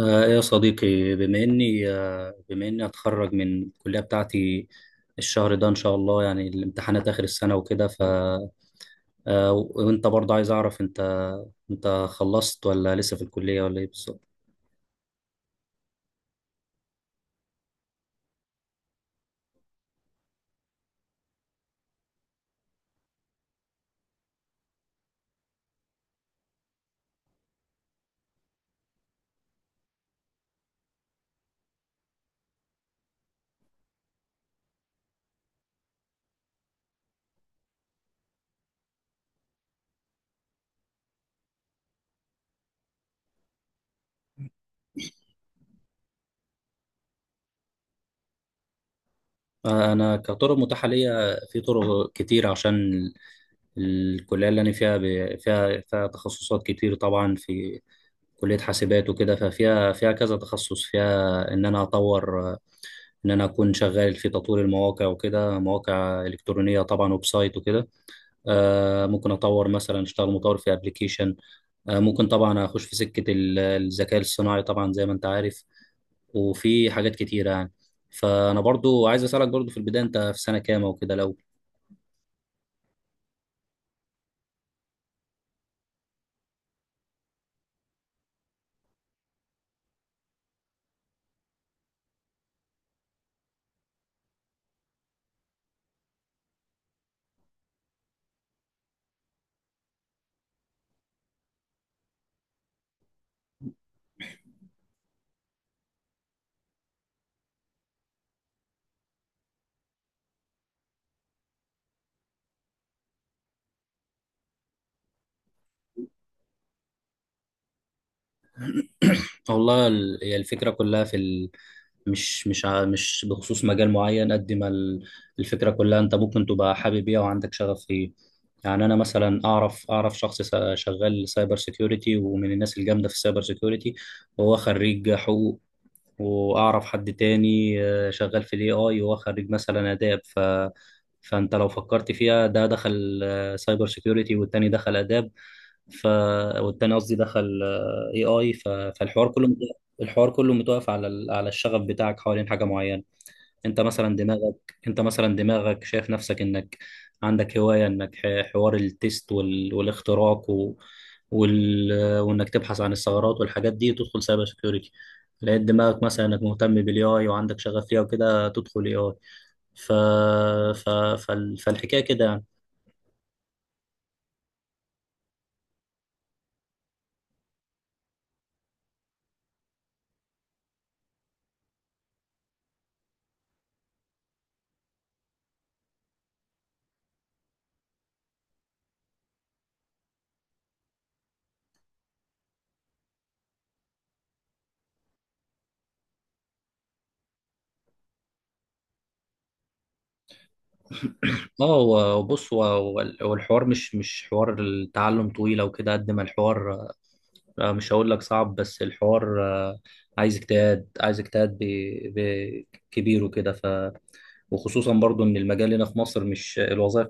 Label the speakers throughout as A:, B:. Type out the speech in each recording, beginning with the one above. A: يا صديقي، بما اني اتخرج من الكليه بتاعتي الشهر ده ان شاء الله، يعني الامتحانات اخر السنه وكده. ف آه، وانت برضه عايز اعرف، انت انت خلصت ولا لسه في الكليه ولا ايه بالظبط؟ انا كطرق متاحه ليا في طرق كتير، عشان الكليه اللي انا فيها فيها تخصصات كتير طبعا، في كليه حاسبات وكده، ففيها كذا تخصص، فيها ان انا اكون شغال في تطوير المواقع وكده، مواقع الكترونيه طبعا، ويب سايت وكده. ممكن اطور مثلا اشتغل مطور في ابلكيشن. ممكن طبعا اخش في سكه الذكاء الصناعي طبعا، زي ما انت عارف، وفي حاجات كتيره يعني. فانا برضو عايز اسالك، برضو في البدايه، انت في سنه كام وكده لو؟ والله، هي الفكره كلها في ال... مش مش ع- مش بخصوص مجال معين قد ما الفكرة كلها انت ممكن تبقى حابب ايه وعندك شغف فيه. يعني انا مثلا اعرف شغال سايبر سيكيورتي ومن الناس الجامدة في السايبر سيكيورتي، وهو خريج حقوق. واعرف حد تاني شغال في الاي اي وهو خريج مثلا اداب. فانت لو فكرت فيها، ده دخل سايبر سيكيورتي والتاني دخل اداب، ف والتاني قصدي دخل اي اي. فالحوار كله متوقف، الحوار كله متوقف على على الشغف بتاعك حوالين حاجه معينه. انت مثلا دماغك انت مثلا دماغك شايف نفسك انك عندك هوايه، حوار التيست والاختراق وال... وانك تبحث عن الثغرات والحاجات دي، تدخل سايبر سيكيورتي. لقيت دماغك مثلا انك مهتم بالاي اي وعندك شغف ليها وكده، تدخل اي اي. ف... ف... فال... فالحكايه كده يعني. بص، هو الحوار، مش حوار التعلم طويل او كده، قد ما الحوار مش هقول لك صعب، بس الحوار عايز اجتهاد، كبير وكده. وخصوصا برضو ان المجال هنا في مصر مش الوظائف،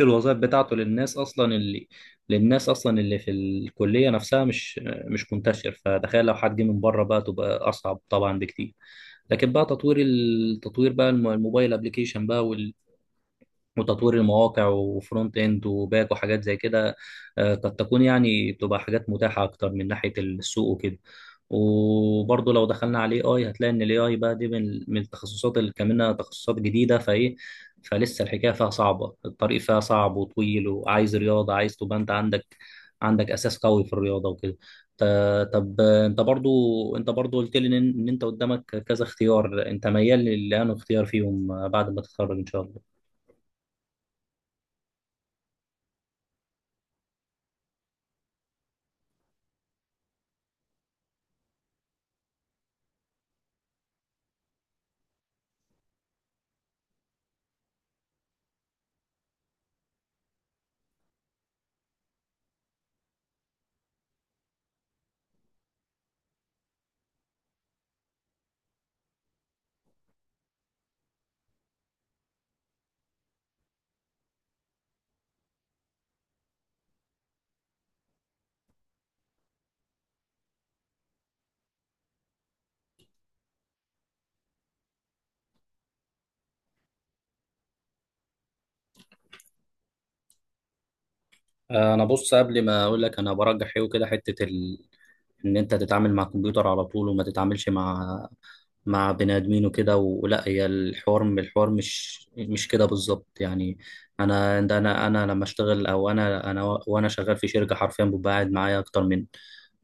A: الوظائف بتاعته للناس اصلا اللي في الكليه نفسها، مش منتشر، فتخيل لو حد جه من بره بقى، تبقى اصعب طبعا بكتير. لكن بقى التطوير بقى، الموبايل ابلكيشن بقى، وتطوير المواقع وفرونت اند وباك وحاجات زي كده، قد تكون يعني، بتبقى حاجات متاحة أكتر من ناحية السوق وكده. وبرضه لو دخلنا على الاي اي، هتلاقي ان الاي اي بقى دي من التخصصات اللي كمان تخصصات جديدة فايه، فلسه الحكاية فيها صعبة، الطريق فيها صعب وطويل، وعايز رياضة، عايز تبقى انت عندك أساس قوي في الرياضة وكده. طب انت برضو، قلت لي ان انت قدامك كذا اختيار، انت ميال لانه اختيار فيهم بعد ما تتخرج ان شاء الله؟ انا بص، قبل ما اقول لك انا برجح ايه وكده، حته ان انت تتعامل مع الكمبيوتر على طول وما تتعاملش مع بني ادمين وكده، ولا هي، الحوار مش كده بالظبط يعني. انا ده، انا لما اشتغل، او انا انا وانا شغال في شركه، حرفيا ببقى قاعد معايا اكتر من،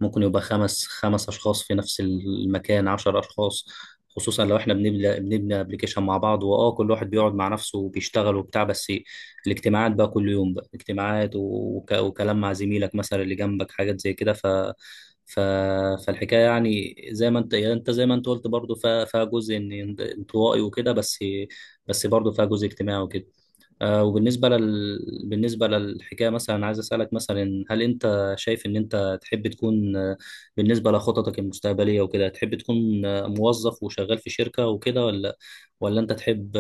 A: ممكن يبقى خمس اشخاص في نفس المكان، عشر اشخاص، خصوصا لو احنا بنبني ابلكيشن مع بعض. كل واحد بيقعد مع نفسه وبيشتغل وبتاع، بس الاجتماعات بقى كل يوم بقى اجتماعات، وكلام مع زميلك مثلا اللي جنبك، حاجات زي كده. ف... فالحكايه يعني زي ما انت، يعني انت زي ما انت قلت برضو، فيها جزء انطوائي وكده، بس برضو فيها جزء اجتماعي وكده. وبالنسبه بالنسبه للحكايه مثلا، عايز اسالك مثلا، هل انت شايف ان انت تحب تكون بالنسبه لخططك المستقبليه وكده، تحب تكون موظف وشغال في شركه وكده، ولا انت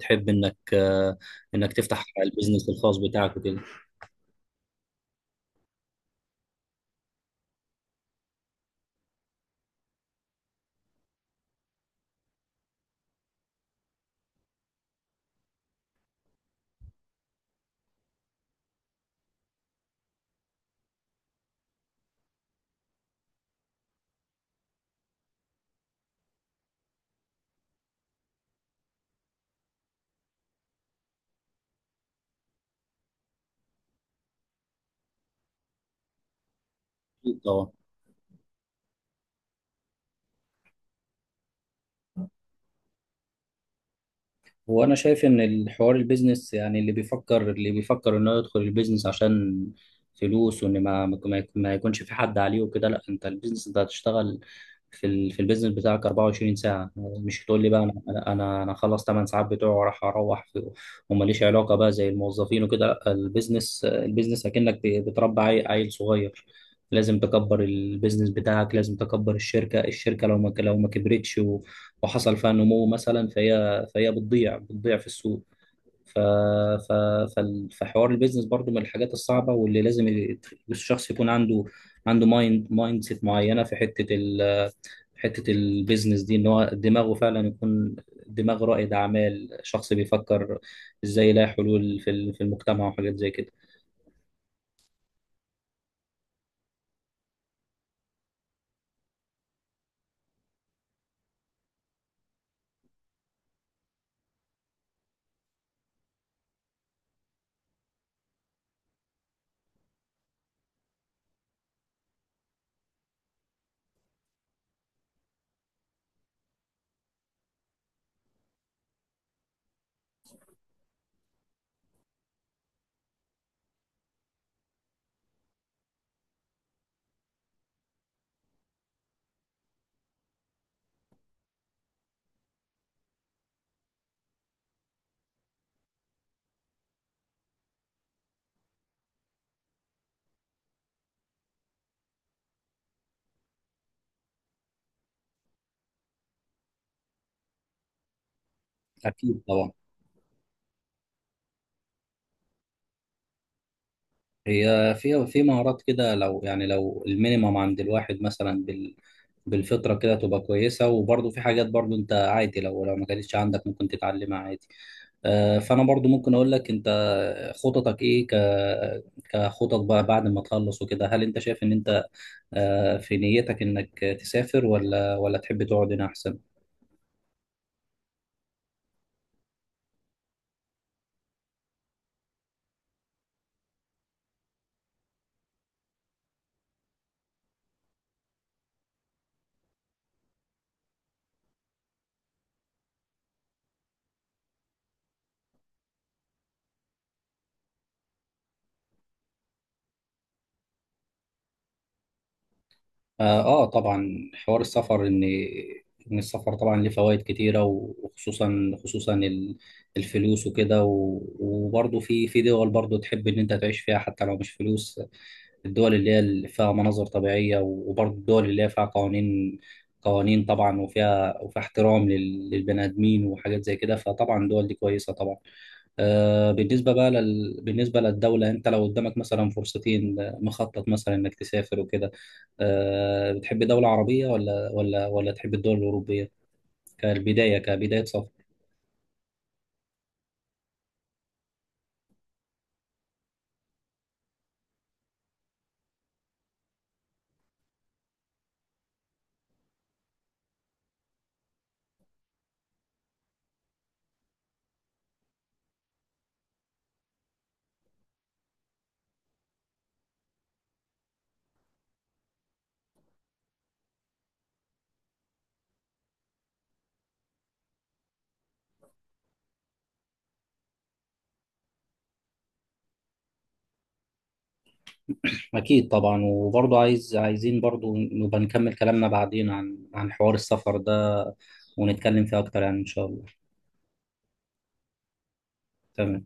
A: تحب انك انك تفتح البيزنس الخاص بتاعك وكده؟ أكيد طبعا. هو انا شايف ان الحوار البيزنس يعني، اللي بيفكر انه يدخل البيزنس عشان فلوس، وان ما يكونش في حد عليه وكده، لا. انت البيزنس، انت هتشتغل في في البيزنس بتاعك 24 ساعة، مش هتقول لي بقى انا انا انا أنا خلص 8 ساعات بتوعي وراح اروح وماليش علاقة بقى زي الموظفين وكده. لا، البيزنس، عيل صغير، لازم تكبر البيزنس بتاعك، لازم تكبر الشركة، الشركة لو ما كبرتش وحصل فيها نمو مثلا، فهي بتضيع في السوق. ف... ف... فحوار البيزنس برضو من الحاجات الصعبة، واللي لازم الشخص يكون عنده مايند سيت معينة في حتة حتة البيزنس دي، ان هو دماغه فعلا يكون دماغ رائد أعمال، شخص بيفكر ازاي يلاقي حلول في في المجتمع وحاجات زي كده. أكيد طبعا. هي في مهارات كده، لو يعني، المينيمم عند الواحد مثلا، بالفطرة كده تبقى كويسة، وبرضه في حاجات برضه انت عادي، لو ما كانتش عندك، ممكن تتعلمها عادي. فانا برضه ممكن اقول لك، انت خططك ايه، كخطط بقى بعد ما تخلص وكده؟ هل انت شايف ان انت في نيتك انك تسافر، ولا تحب تقعد هنا احسن؟ طبعا، حوار السفر، إن السفر طبعا ليه فوائد كتيرة، وخصوصا، الفلوس وكده، وبرضه في دول برضه تحب إن أنت تعيش فيها حتى لو مش فلوس، الدول اللي اللي فيها مناظر طبيعية، وبرضه الدول اللي هي فيها قوانين، قوانين طبعا، وفيها احترام للبني آدمين وحاجات زي كده، فطبعا الدول دي كويسة طبعا. بالنسبة بقى بالنسبة للدولة، أنت لو قدامك مثلا فرصتين، مخطط مثلا إنك تسافر وكده، بتحب دولة عربية ولا تحب الدول الأوروبية، كبداية سفر؟ أكيد طبعا. وبرضه عايزين برضه نبقى نكمل كلامنا بعدين عن حوار السفر ده، ونتكلم فيه أكتر، يعني إن شاء الله. تمام،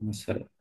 A: مع السلامة.